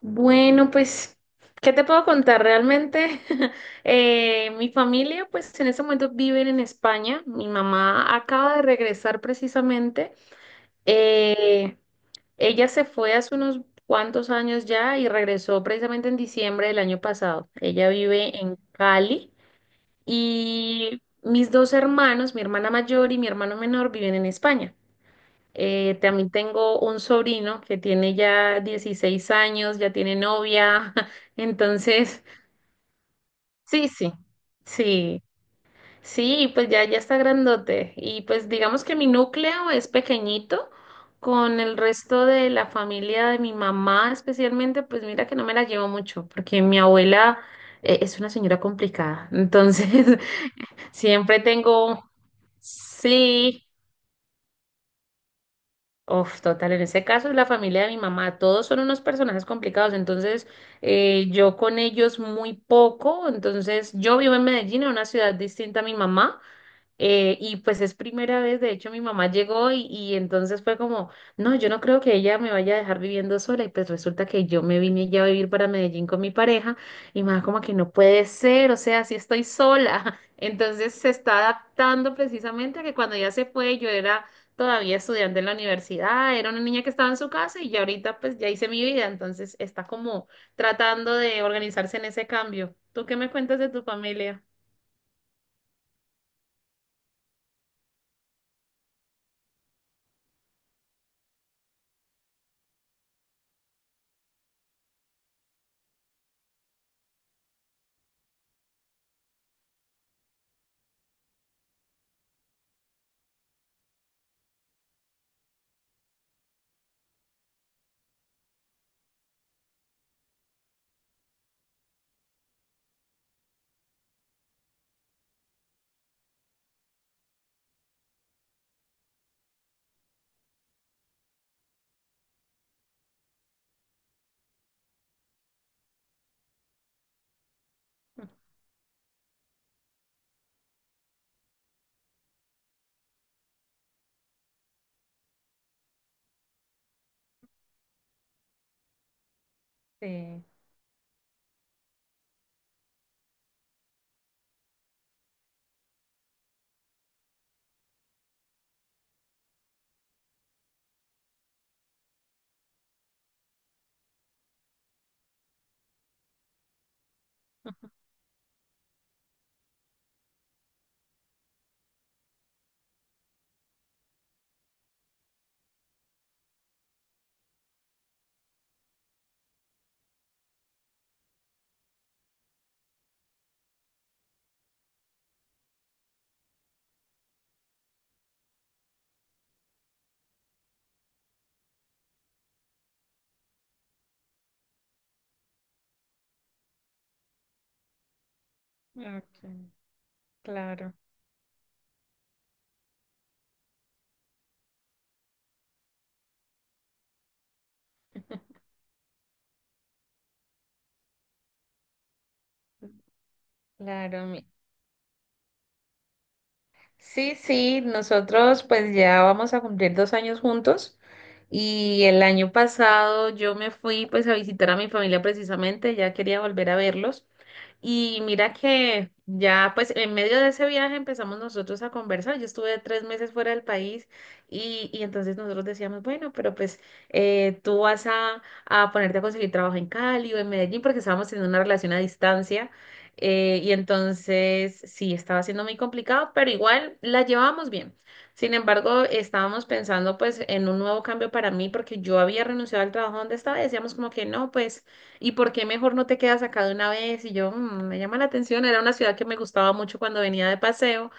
Bueno, pues, ¿qué te puedo contar? Realmente, mi familia, pues, en este momento viven en España. Mi mamá acaba de regresar precisamente. Eh, ella se fue hace unos cuantos años ya y regresó precisamente en diciembre del año pasado. Ella vive en Cali y mis dos hermanos, mi hermana mayor y mi hermano menor, viven en España. También tengo un sobrino que tiene ya 16 años, ya tiene novia, entonces, sí, sí, sí, sí, pues ya está grandote. Y pues digamos que mi núcleo es pequeñito, con el resto de la familia de mi mamá especialmente, pues mira que no me la llevo mucho, porque mi abuela es una señora complicada, entonces siempre tengo, sí. Uf, total, en ese caso es la familia de mi mamá, todos son unos personajes complicados, entonces yo con ellos muy poco, entonces yo vivo en Medellín, en una ciudad distinta a mi mamá, y pues es primera vez, de hecho mi mamá llegó y entonces fue como, no, yo no creo que ella me vaya a dejar viviendo sola y pues resulta que yo me vine ya a vivir para Medellín con mi pareja y más como que no puede ser, o sea, si estoy sola. Entonces se está adaptando precisamente a que cuando ella se fue yo era todavía estudiante en la universidad, era una niña que estaba en su casa y ya ahorita pues ya hice mi vida, entonces está como tratando de organizarse en ese cambio. ¿Tú qué me cuentas de tu familia? Sí, ok, claro. Claro, sí, sí, nosotros pues ya vamos a cumplir 2 años juntos y el año pasado yo me fui pues a visitar a mi familia precisamente, ya quería volver a verlos y mira que ya, pues en medio de ese viaje empezamos nosotros a conversar. Yo estuve 3 meses fuera del país y entonces nosotros decíamos, bueno, pero pues tú vas a ponerte a conseguir trabajo en Cali o en Medellín porque estábamos teniendo una relación a distancia. Y entonces sí, estaba siendo muy complicado, pero igual la llevábamos bien. Sin embargo, estábamos pensando pues en un nuevo cambio para mí porque yo había renunciado al trabajo donde estaba y decíamos como que no, pues... ¿Y por qué mejor no te quedas acá de una vez? Y yo, "Mm, me llama la atención, era una ciudad que me gustaba mucho cuando venía de paseo.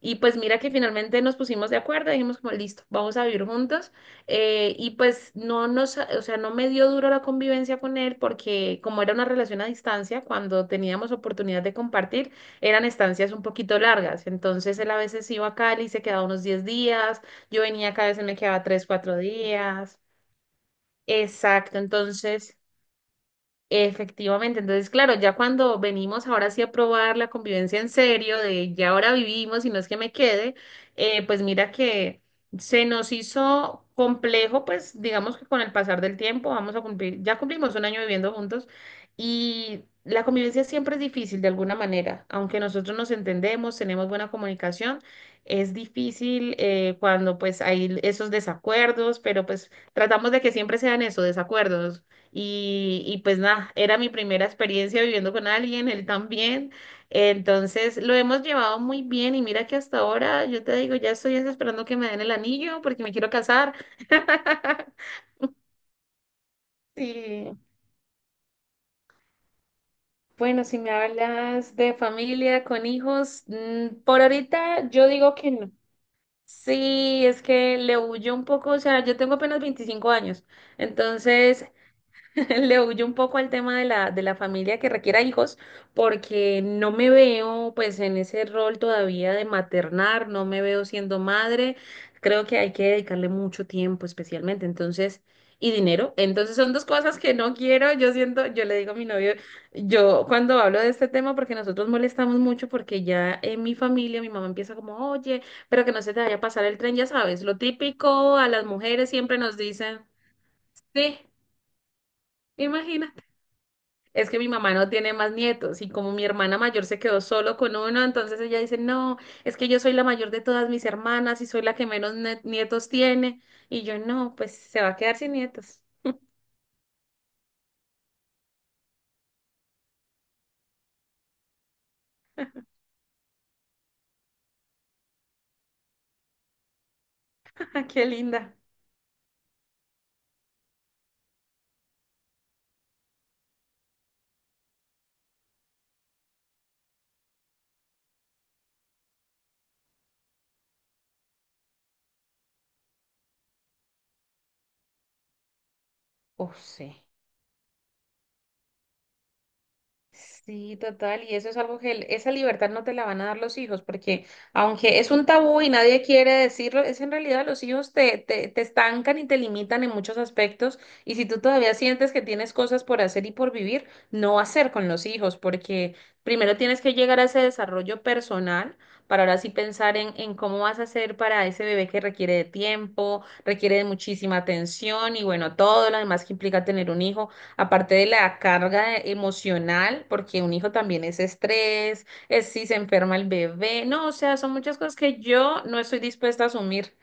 Y pues mira que finalmente nos pusimos de acuerdo, dijimos como, listo, vamos a vivir juntos. Y pues no nos, o sea, no me dio duro la convivencia con él porque como era una relación a distancia, cuando teníamos oportunidad de compartir, eran estancias un poquito largas. Entonces él a veces iba a Cali, se quedaba unos 10 días, yo venía acá, a veces me quedaba 3 4 días. Exacto, entonces... Efectivamente, entonces claro, ya cuando venimos ahora sí a probar la convivencia en serio, de ya ahora vivimos y no es que me quede, pues mira que se nos hizo complejo, pues digamos que con el pasar del tiempo vamos a cumplir, ya cumplimos un año viviendo juntos y la convivencia siempre es difícil de alguna manera, aunque nosotros nos entendemos, tenemos buena comunicación, es difícil cuando pues hay esos desacuerdos, pero pues tratamos de que siempre sean esos desacuerdos y pues nada, era mi primera experiencia viviendo con alguien, él también. Entonces lo hemos llevado muy bien y mira que hasta ahora, yo te digo, ya estoy esperando que me den el anillo porque me quiero casar. Sí. Bueno, si me hablas de familia con hijos, por ahorita yo digo que no. Sí, es que le huyo un poco, o sea, yo tengo apenas 25 años, entonces Le huyo un poco al tema de la, familia que requiera hijos, porque no me veo pues en ese rol todavía de maternar, no me veo siendo madre, creo que hay que dedicarle mucho tiempo especialmente, entonces, y dinero, entonces son dos cosas que no quiero, yo siento, yo le digo a mi novio, yo cuando hablo de este tema, porque nosotros molestamos mucho, porque ya en mi familia mi mamá empieza como, oye, pero que no se te vaya a pasar el tren, ya sabes, lo típico, a las mujeres siempre nos dicen, sí, imagina. Es que mi mamá no tiene más nietos y como mi hermana mayor se quedó solo con uno, entonces ella dice, no, es que yo soy la mayor de todas mis hermanas y soy la que menos nietos tiene. Y yo, no, pues se va a quedar sin nietos. Ah, qué linda. Oh, sí. Sí, total, y eso es algo que el- esa libertad no te la van a dar los hijos, porque aunque es un tabú y nadie quiere decirlo, es en realidad los hijos te estancan y te limitan en muchos aspectos, y si tú todavía sientes que tienes cosas por hacer y por vivir, no hacer con los hijos, porque primero tienes que llegar a ese desarrollo personal para ahora sí pensar en cómo vas a hacer para ese bebé que requiere de tiempo, requiere de muchísima atención y bueno, todo lo demás que implica tener un hijo. Aparte de la carga emocional, porque un hijo también es estrés, es si se enferma el bebé, no, o sea, son muchas cosas que yo no estoy dispuesta a asumir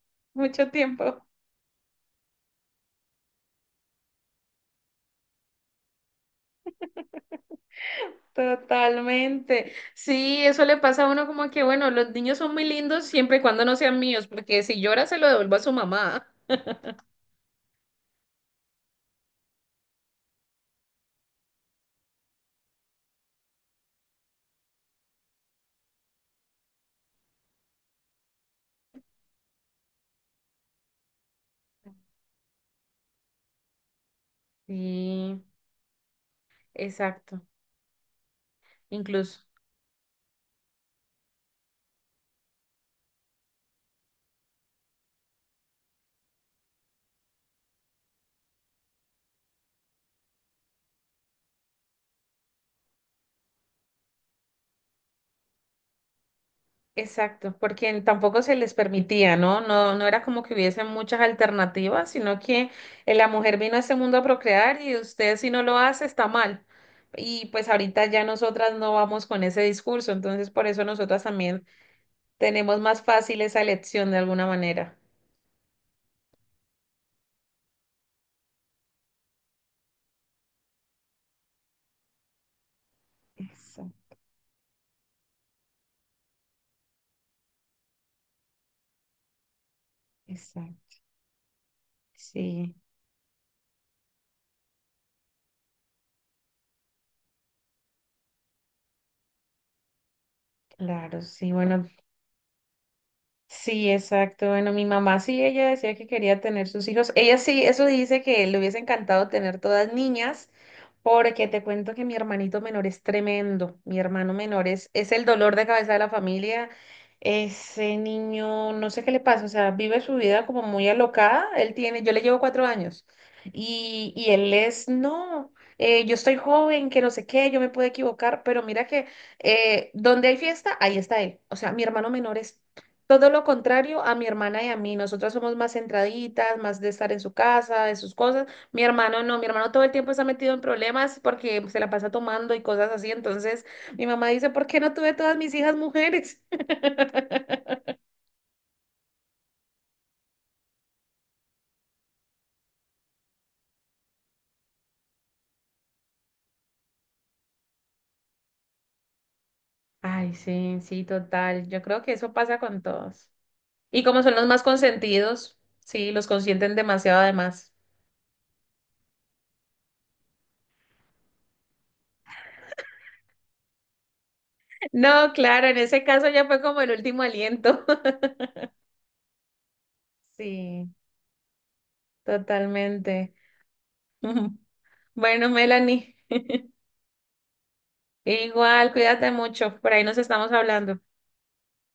mucho tiempo. Totalmente. Sí, eso le pasa a uno como que, bueno, los niños son muy lindos siempre y cuando no sean míos, porque si llora se lo devuelvo a su mamá. Sí, exacto. Incluso. Exacto, porque tampoco se les permitía, ¿no? No, no era como que hubiesen muchas alternativas, sino que la mujer vino a este mundo a procrear y usted si no lo hace está mal. Y pues ahorita ya nosotras no vamos con ese discurso, entonces por eso nosotras también tenemos más fácil esa elección de alguna manera. Exacto, exacto. Sí, claro, sí, bueno, sí, exacto. Bueno, mi mamá sí, ella decía que quería tener sus hijos. Ella sí, eso dice que le hubiese encantado tener todas niñas, porque te cuento que mi hermanito menor es tremendo. Mi hermano menor es el dolor de cabeza de la familia. Ese niño, no sé qué le pasa, o sea, vive su vida como muy alocada. Él tiene, yo le llevo 4 años y él es, no, yo estoy joven, que no sé qué, yo me puedo equivocar, pero mira que donde hay fiesta, ahí está él. O sea, mi hermano menor es todo lo contrario a mi hermana y a mí. Nosotras somos más centraditas, más de estar en su casa, de sus cosas. Mi hermano no, mi hermano todo el tiempo está metido en problemas porque se la pasa tomando y cosas así. Entonces, mi mamá dice, ¿por qué no tuve todas mis hijas mujeres? Ay, sí, sí, total. Yo creo que eso pasa con todos. Y como son los más consentidos, sí, los consienten demasiado además. No, claro, en ese caso ya fue como el último aliento. Sí, totalmente. Bueno, Melanie, igual, cuídate mucho. Por ahí nos estamos hablando.